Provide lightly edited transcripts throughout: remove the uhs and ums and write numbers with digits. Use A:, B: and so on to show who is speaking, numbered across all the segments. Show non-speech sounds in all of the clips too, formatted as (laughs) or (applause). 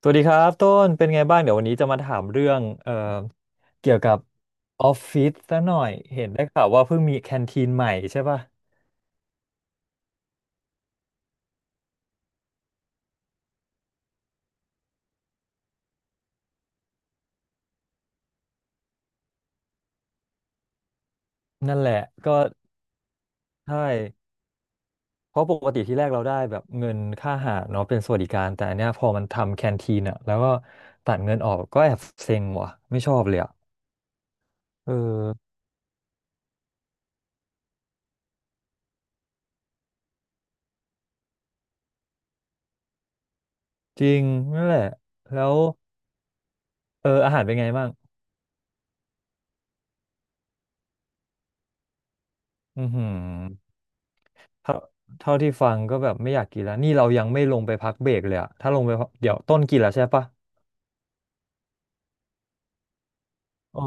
A: สวัสดีครับต้นเป็นไงบ้างเดี๋ยววันนี้จะมาถามเรื่องเกี่ยวกับออฟฟิศซะหน่อยเห็นได้ข่าวว่าเพิ่งมีแคนทีนใหม่ใช่ป่ะนั่นแหละก็ใช่เพราะปกติที่แรกเราได้แบบเงินค่าอาหารเนาะเป็นสวัสดิการแต่อันเนี้ยพอมันทำแคนทีนอ่ะแล้วก็ตัดเงินออกก็แอบเซ็งว่ะไม่ชอบเลยอ่ะเออจริงนั่นแหละแล้วเอออาหารเป็นไงบ้างอือหือ เท่าเท่าที่ฟังก็แบบไม่อยากกินแล้วนี่เรายังไม่ลงไปพักเบรกเลยอะถ้าลงไปพักเดี๋ยวต้นกินแล้วใช่ปะอ๋อ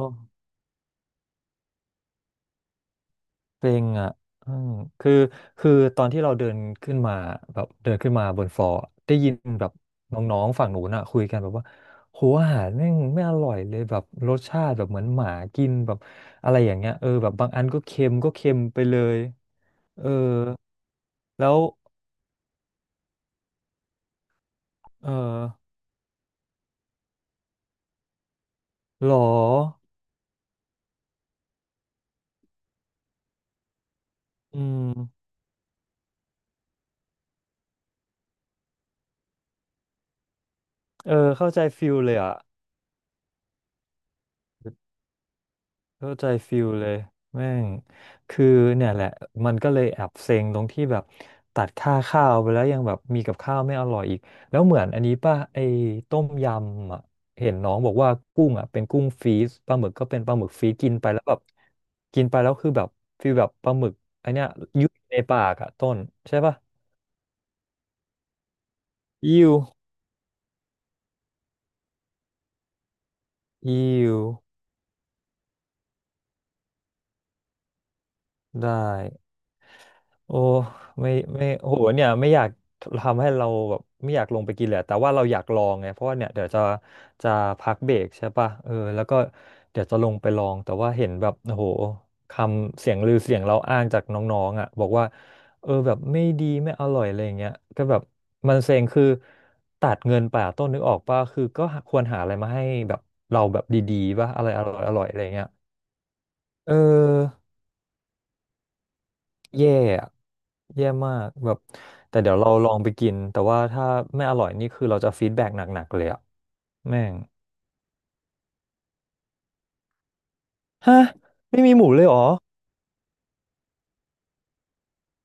A: เป็นอะอืมคือคือตอนที่เราเดินขึ้นมาแบบเดินขึ้นมาบนฟลอร์อะได้ยินแบบน้องๆฝั่งหนูนอะคุยกันแบบว่าโหอาหารแม่งไม่อร่อยเลยแบบรสชาติแบบเหมือนหมากินแบบอะไรอย่างเงี้ยเออแบบบางอันก็เค็มก็เค็มไปเลยเออแล้วเออหรออืมเออเข้าใจฟิลเลยอ่ะ เข้าใจฟิลเลยแม่งคือเนี่ยแหละมันก็เลยแอบเซ็งตรงที่แบบตัดค่าข้าวไปแล้วยังแบบมีกับข้าวไม่อร่อยอีกแล้วเหมือนอันนี้ป่ะไอ้ต้มยำอ่ะเห็นน้องบอกว่ากุ้งอ่ะเป็นกุ้งฟรีซปลาหมึกก็เป็นปลาหมึกฟรีซกินไปแล้วแบบกินไปแล้วคือแบบฟีลแบบปลาหมึกอันเนี้ยยุ่ยในปากอ่ะต้นใช่ป่ะอิวอิวได้ โอ้ไม่ไม่โอ้โหเนี่ยไม่อยากทำให้เราแบบไม่อยากลงไปกินเลยอะแต่ว่าเราอยากลองไงเพราะว่าเนี่ยเดี๋ยวจะจะพักเบรกใช่ป่ะเออแล้วก็เดี๋ยวจะลงไปลองแต่ว่าเห็นแบบโอ้โหคำเสียงลือเสียงเราอ้างจากน้องๆอ่ะบอกว่าเออแบบไม่ดีไม่อร่อยอะไรอย่างเงี้ยก็แบบมันเซ็งคือตัดเงินไปอะต้นนึกออกป่ะคือก็ควรหาอะไรมาให้แบบเราแบบดีๆป่ะอะไรอร่อยอร่อยอะไรอย่างเงี้ยเออ แย่อะแย่มากแบบแต่เดี๋ยวเราลองไปกินแต่ว่าถ้าไม่อร่อยนี่คือเราจะฟีดแบ็กหนักๆเลยอะแม่งฮะไม่มีหมูเลยเหรอ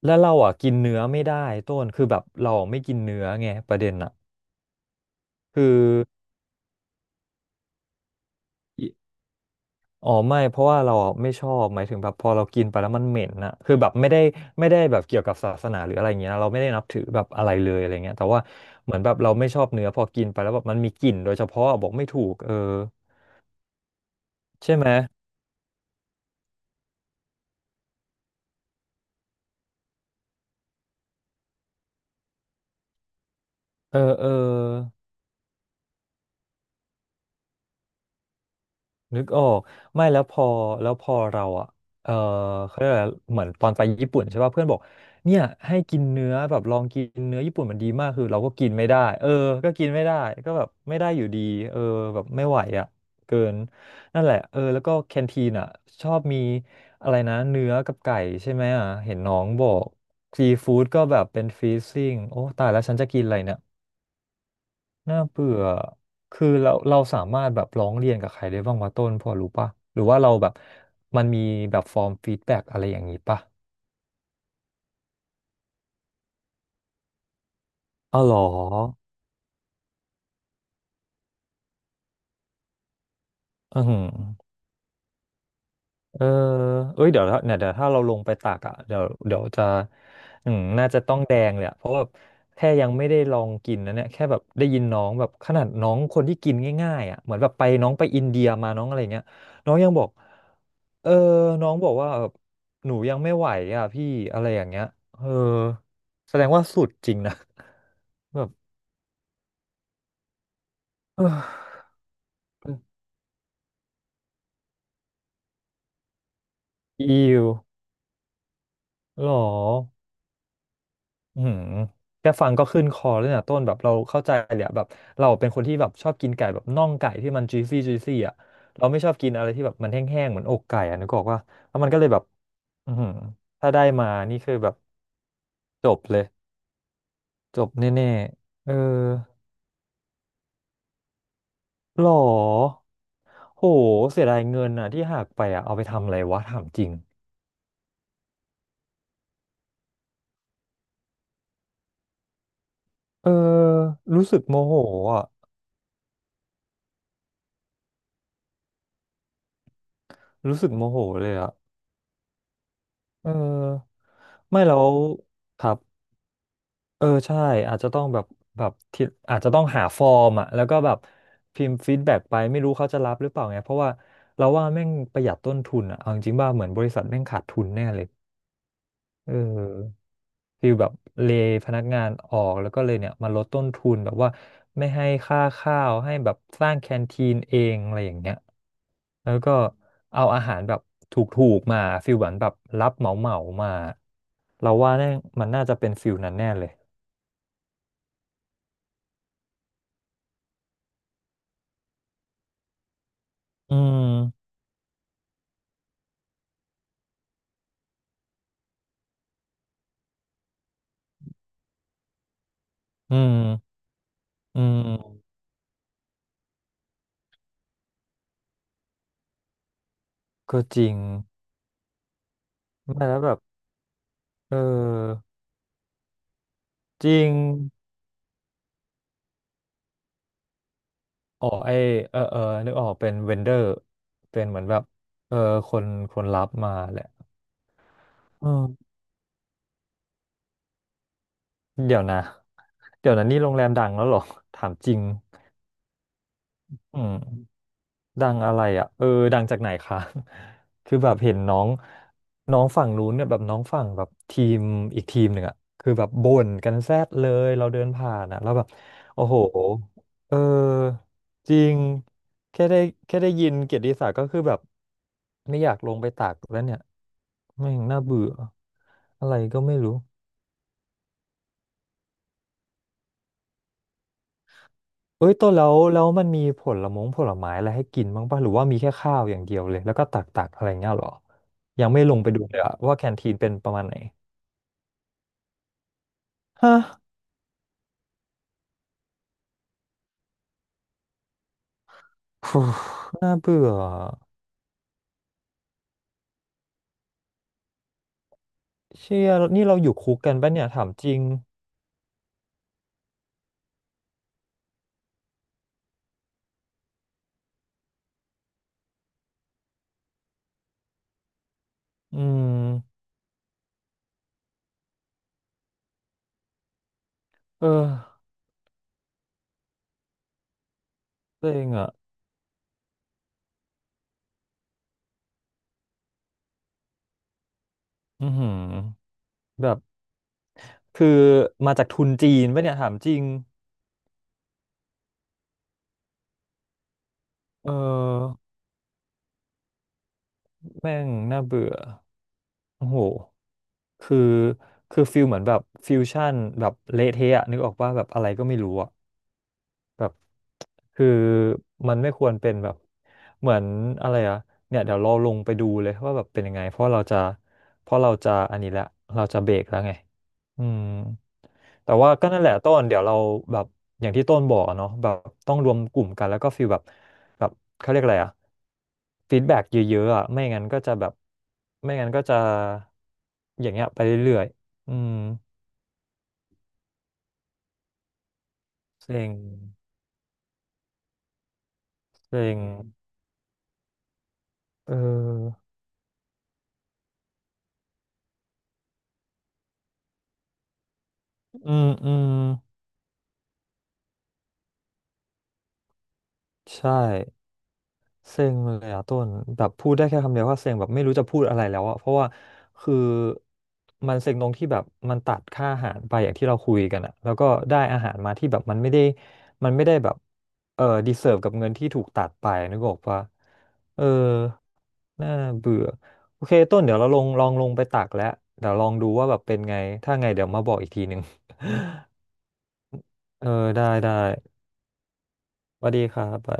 A: แล้วเราอ่ะกินเนื้อไม่ได้ต้นคือแบบเราไม่กินเนื้อไงประเด็นอ่ะคืออิอ๋อไม่เพราะว่าเราอะไม่ชอบหมายถึงแบบพอเรากินไปแล้วมันเหม็นน่ะคือแบบไม่ได้ไม่ได้แบบเกี่ยวกับศาสนาหรืออะไรเงี้ยนะเราไม่ได้นับถือแบบอะไรเลยอะไรเงี้ยแต่ว่าเหมือนแบบเราไม่ชอบเนื้อพอกินไปแล้วแบบมันมีกลิ่นโดยเฉพาะบอกไม่ถูกเออใช่ไหม เออเออนึกออกไม่แล้วพอแล้วพอเราอ่ะเออเขาเรียกอะไรเหมือนตอนไปญี่ปุ่นใช่ป่ะเพื่อนบอกเนี่ยให้กินเนื้อแบบลองกินเนื้อญี่ปุ่นมันดีมากคือเราก็กินไม่ได้เออก็กินไม่ได้ก็แบบไม่ได้อยู่ดีเออแบบไม่ไหวอ่ะเกินนั่นแหละเออแล้วก็แคนทีนอ่ะชอบมีอะไรนะเนื้อกับไก่ใช่ไหมอ่ะเห็นน้องบอกซีฟู้ดก็แบบเป็นฟรีซิ่งโอ้ตายแล้วฉันจะกินอะไรเนี่ย น่าเบื่อคือเราเราสามารถแบบร้องเรียนกับใครได้บ้างวะต้นพอรู้ปะหรือว่าเราแบบมันมีแบบฟอร์มฟีดแบ็กอะไรอย่างนี้ปะอ๋อเหรออือหือ เออเอ้ยเดี๋ยวถ้าเนี่ยเดี๋ยวถ้าเราลงไปตักอ่ะเดี๋ยวเดี๋ยวจะอืมน่าจะต้องแดงเลยอะเพราะว่าแค่ยังไม่ได้ลองกินนะเนี่ยแค่แบบได้ยินน้องแบบขนาดน้องคนที่กินง่ายๆอ่ะเหมือนแบบไปน้องไปอินเดียมาน้องอะไรเงี้ยน้องยังบอกเออน้องบอกว่าแบบหนูยังไม่ไหวอ่ะพี่อะไรอย่างเงี้ยเออแสดงว่าสุดจริงนะแบบเอออิวหรอ อืมแค่ฟังก็ขึ้นคอแล้วเนี่ยต้นแบบเราเข้าใจเลยอะแบบเราเป็นคนที่แบบชอบกินไก่แบบน่องไก่ที่มัน juicy juicy อ่ะเราไม่ชอบกินอะไรที่แบบมันแห้งๆเหมือนอกไก่อ่ะนึกออกว่าแล้วมันก็เลยแบบอืมถ้าได้มานี่คือแบบจบเลยจบแน่ๆเออหรอโหเสียดายเงินอ่ะที่หักไปอ่ะเอาไปทำอะไรวะถามจริงเออรู้สึกโมโหอ่ะรู้สึกโมโหเลยอ่ะเออไม่แล้วครับ เออใช่อาจจะต้องแบบแบบที่อาจจะต้องหาฟอร์มอ่ะแล้วก็แบบพิมพ์ฟีดแบ็กไปไม่รู้เขาจะรับหรือเปล่าไงเพราะว่าเราว่าแม่งประหยัดต้นทุนอ่ะเอาจริงๆว่าเหมือนบริษัทแม่งขาดทุนแน่เลยเออฟีลแบบเลย์พนักงานออกแล้วก็เลยเนี่ยมาลดต้นทุนแบบว่าไม่ให้ค่าข้าวให้แบบสร้างแคนทีนเองอะไรอย่างเงี้ยแล้วก็เอาอาหารแบบถูกๆมาฟิลเหมือนแบบรับเหมาเหมามาเราว่าแน่งมันน่าจะเป็นฟิลนั้นแน่เลยอืมอืม อืมก็จริงไม่แล้วแบบเออจริงอ๋อไอเออเออนึกออกเป็นเวนเดอร์เป็นเหมือนแบบเออคนรับมาแหละเออเดี๋ยวนะนี่โรงแรมดังแล้วเหรอถามจริงอืม ดังอะไรอ่ะเออดังจากไหนคะ (laughs) คือแบบเห็นน้องน้องฝั่งนู้นเนี่ยแบบน้องฝั่งแบบทีมอีกทีมหนึ่งอ่ะคือแบบบ่นกันแซดเลยเราเดินผ่านอ่ะแล้วแบบโอ้โหเออจริงแค่ได้แค่ได้ยินเกียรติศักดิ์ก็คือแบบไม่อยากลงไปตักแล้วเนี่ยไม่งน่าเบื่ออะไรก็ไม่รู้ เอ้ยต้นแล้วมันมีผลมงผลไม้อะไรให้กินบ้างป่ะหรือว่ามีแค่ข้าวอย่างเดียวเลยแล้วก็ตักอะไรเงี้ยเหรอยังไม่ลงไปดูเลยอะว่าแคนทีนเป็นประมาณไหนฮะฟู (sighs) น่าเบื่อเชี่ยนี่เราอยู่คุกกันป่ะเนี่ยถามจริงอืมเออเซ็งอะอือหือแบบคือมาจากทุนจีนป่ะเนี่ยถามจริงเออแม่งน่าเบื่อโอ้โหคือคือฟิลเหมือนแบบฟิวชั่นแบบเละเทะอะนึกออกว่าแบบอะไรก็ไม่รู้อะ แบบคือมันไม่ควรเป็นแบบเหมือนอะไรอะเนี่ยเดี๋ยวเราลงไปดูเลยว่าแบบเป็นยังไงเพราะเราจะอันนี้แหละเราจะเบรกแล้วไงอืมแต่ว่าก็นั่นแหละต้นเดี๋ยวเราแบบอย่างที่ต้นบอกอะเนาะแบบต้องรวมกลุ่มกันแล้วก็ฟีลแบบแบบเขาเรียกอะไรอะฟีดแบ็กเยอะๆอะไม่งั้นก็จะอย่างเงี้ยไปเรื่อยๆอืมเซ็งเซ็งเอออืมใช่เซ็งเลยอะต้นแบบพูดได้แค่คำเดียวว่าเซ็งแบบไม่รู้จะพูดอะไรแล้วอะเพราะว่าคือมันเซ็งตรงที่แบบมันตัดค่าอาหารไปอย่างที่เราคุยกันอะแล้วก็ได้อาหารมาที่แบบมันไม่ได้มันไม่ได้แบบเออดีเซิร์ฟกับเงินที่ถูกตัดไปนึกออกปะเออน่าเบื่อโอเคต้นเดี๋ยวเราลองลงไปตักแล้วเดี๋ยวลองดูว่าแบบเป็นไงถ้าไงเดี๋ยวมาบอกอีกทีหนึ่ง (laughs) เออได้สวัสดีครับไป